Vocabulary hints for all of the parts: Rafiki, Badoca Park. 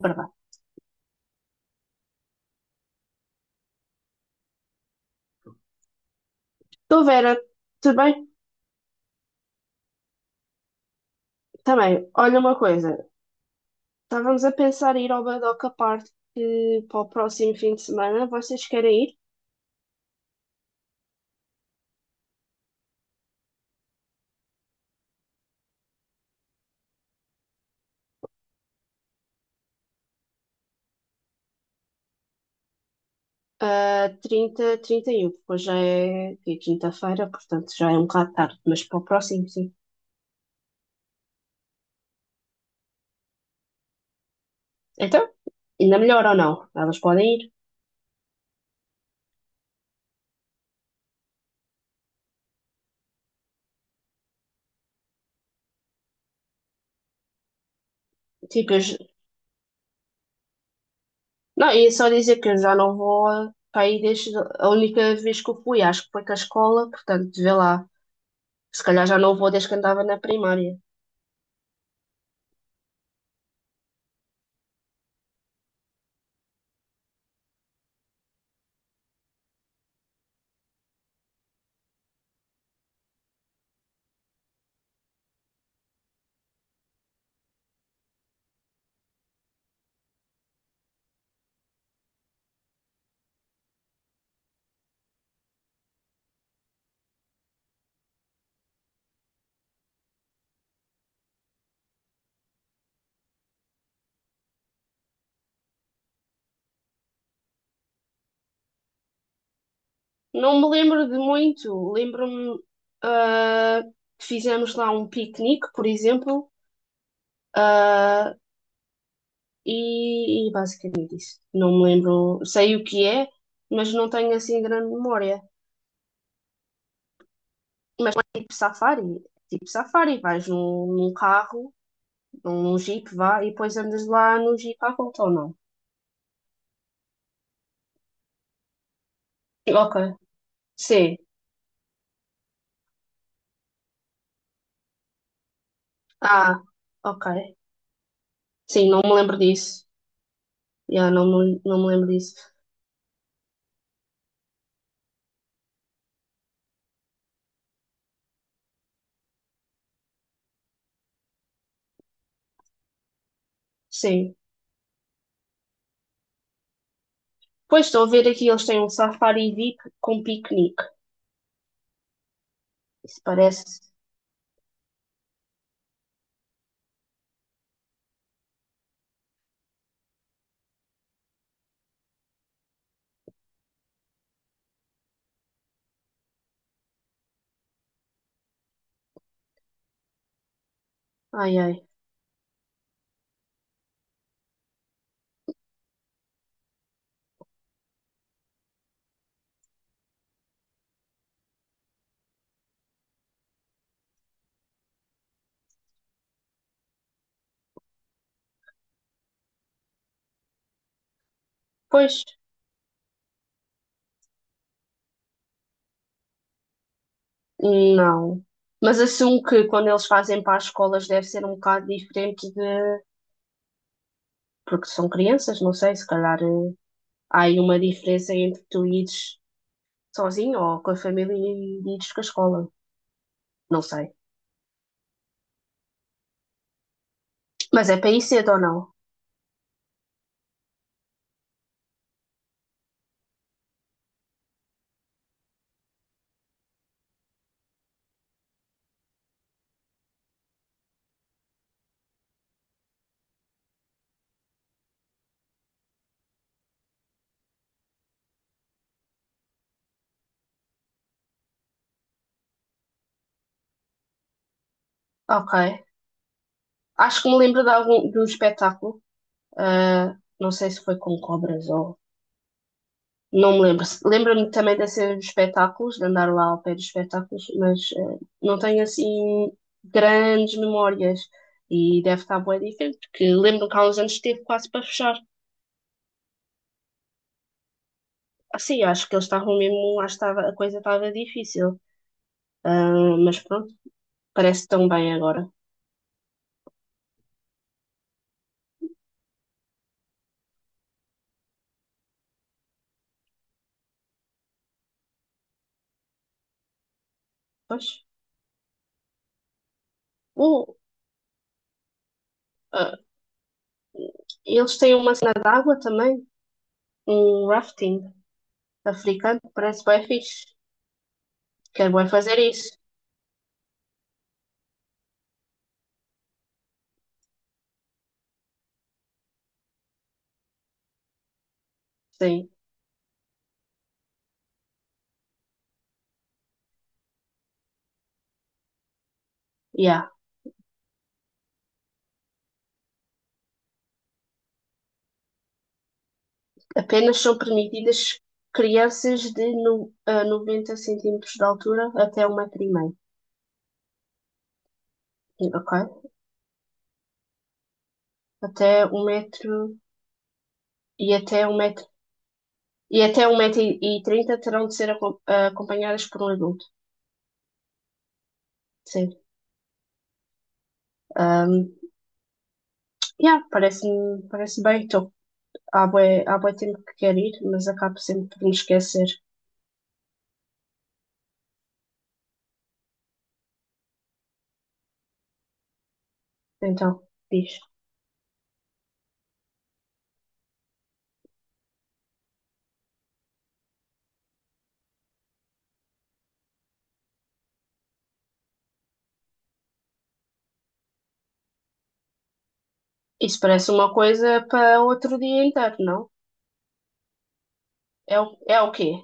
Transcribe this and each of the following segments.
Verdade. Então, Vera, também, também, olha uma coisa. Estávamos a pensar em ir ao Badoca Park para o próximo fim de semana. Vocês querem ir? Ah, 30, 31, depois já é quinta-feira, portanto já é um bocado tarde, mas para o próximo, sim. Então, ainda melhor ou não? Elas podem ir. Tipo, não, ia só dizer que eu já não vou para aí desde a única vez que eu fui, acho que foi com a escola, portanto, vê lá. Se calhar já não vou desde que andava na primária. Não me lembro de muito. Lembro-me ah, que fizemos lá um piquenique, por exemplo, ah, e basicamente isso. Não me lembro, sei o que é, mas não tenho assim grande memória. Mas é tipo safari, vais num carro, num jeep, vá, e depois andas lá no jeep à volta ou não? Ok, sim. Ah, ok. Sim, não me lembro disso. Yeah, não, não me lembro disso. Sim. Pois estou a ver aqui, eles têm um safari VIP com piquenique. Isso parece. Ai, ai. Pois, não. Mas assumo que quando eles fazem para as escolas deve ser um bocado diferente de. Porque são crianças, não sei, se calhar há aí uma diferença entre tu ires sozinho ou com a família e ires com a escola. Não sei. Mas é para ir cedo ou não? Ok. Acho que me lembro de um espetáculo. Não sei se foi com cobras ou não me lembro. Lembro-me também de ser nos espetáculos, de andar lá ao pé dos espetáculos, mas não tenho assim grandes memórias e deve estar bem diferente, porque lembro que há uns anos esteve quase para fechar. Assim, acho que eles estavam mesmo, acho que estava, a coisa estava difícil. Ah, mas pronto, parece tão bem agora. Pois. Oh, ah, eles têm uma cena de água também, um rafting africano, parece bem fixe. Quero bem fazer isso. Sim, yeah. Apenas são permitidas crianças de no, a 90 centímetros de altura até 1,5 m, ok? Até um metro e até um metro Até 1,30 m terão de ser acompanhadas por um adulto. Sim. Ahm, yeah, parece bem. Estou há bué tempo que quero ir, mas acabo sempre por me esquecer. Então, diz. Isso parece uma coisa para outro dia inteiro, não? É o quê?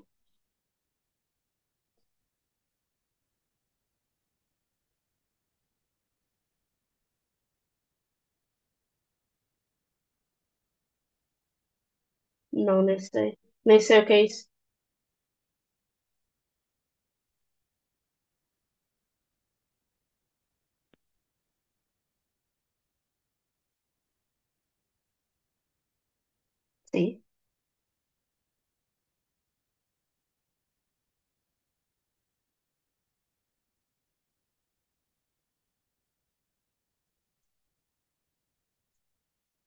Não, nem sei. Nem sei o que é isso. Sim.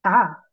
Ah.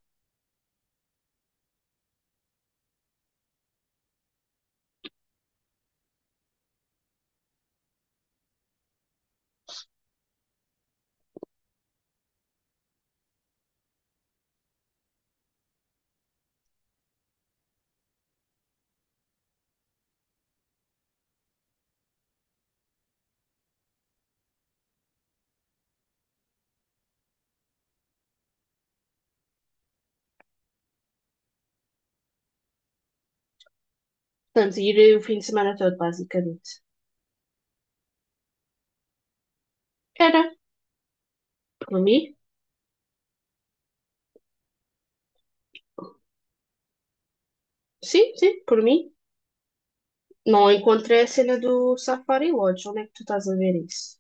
Portanto, ir o fim de semana todo, basicamente. Era, por mim. Sim, sim, por mim. Não encontrei a cena do Safari Lodge. Onde é que tu estás a ver isso?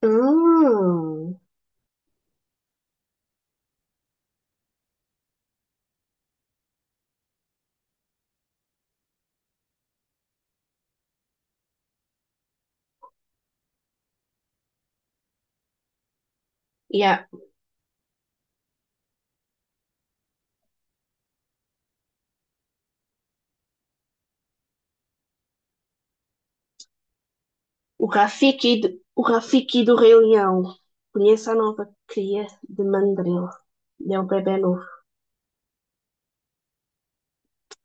Hum, yeah. O Rafiki, o Rafiki do Rei Leão. Conheça a nova cria de mandril. É um bebê novo.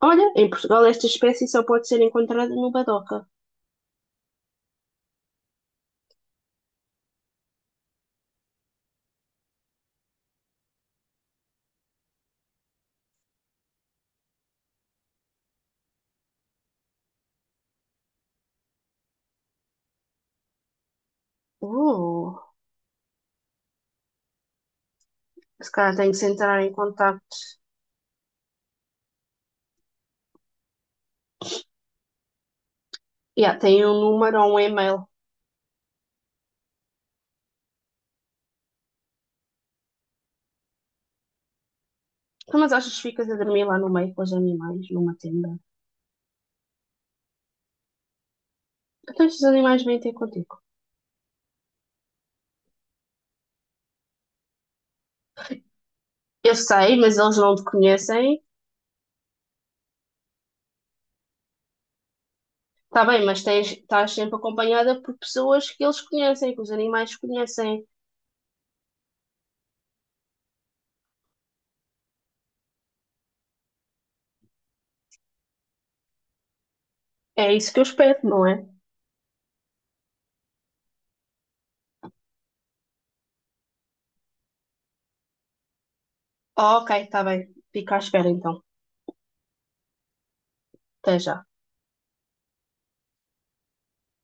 Olha, em Portugal esta espécie só pode ser encontrada no Badoca. Oh, se calhar tenho que se entrar em contato. Yeah, tem um número ou um e-mail. Então, mas achas que ficas a dormir lá no meio com os animais, numa tenda? Então estes animais vêm ter contigo. Eu sei, mas eles não te conhecem. Está bem, mas tens, estás sempre acompanhada por pessoas que eles conhecem, que os animais conhecem. É isso que eu espero, não é? Ah, ok, está bem. Fica à espera então. Até já.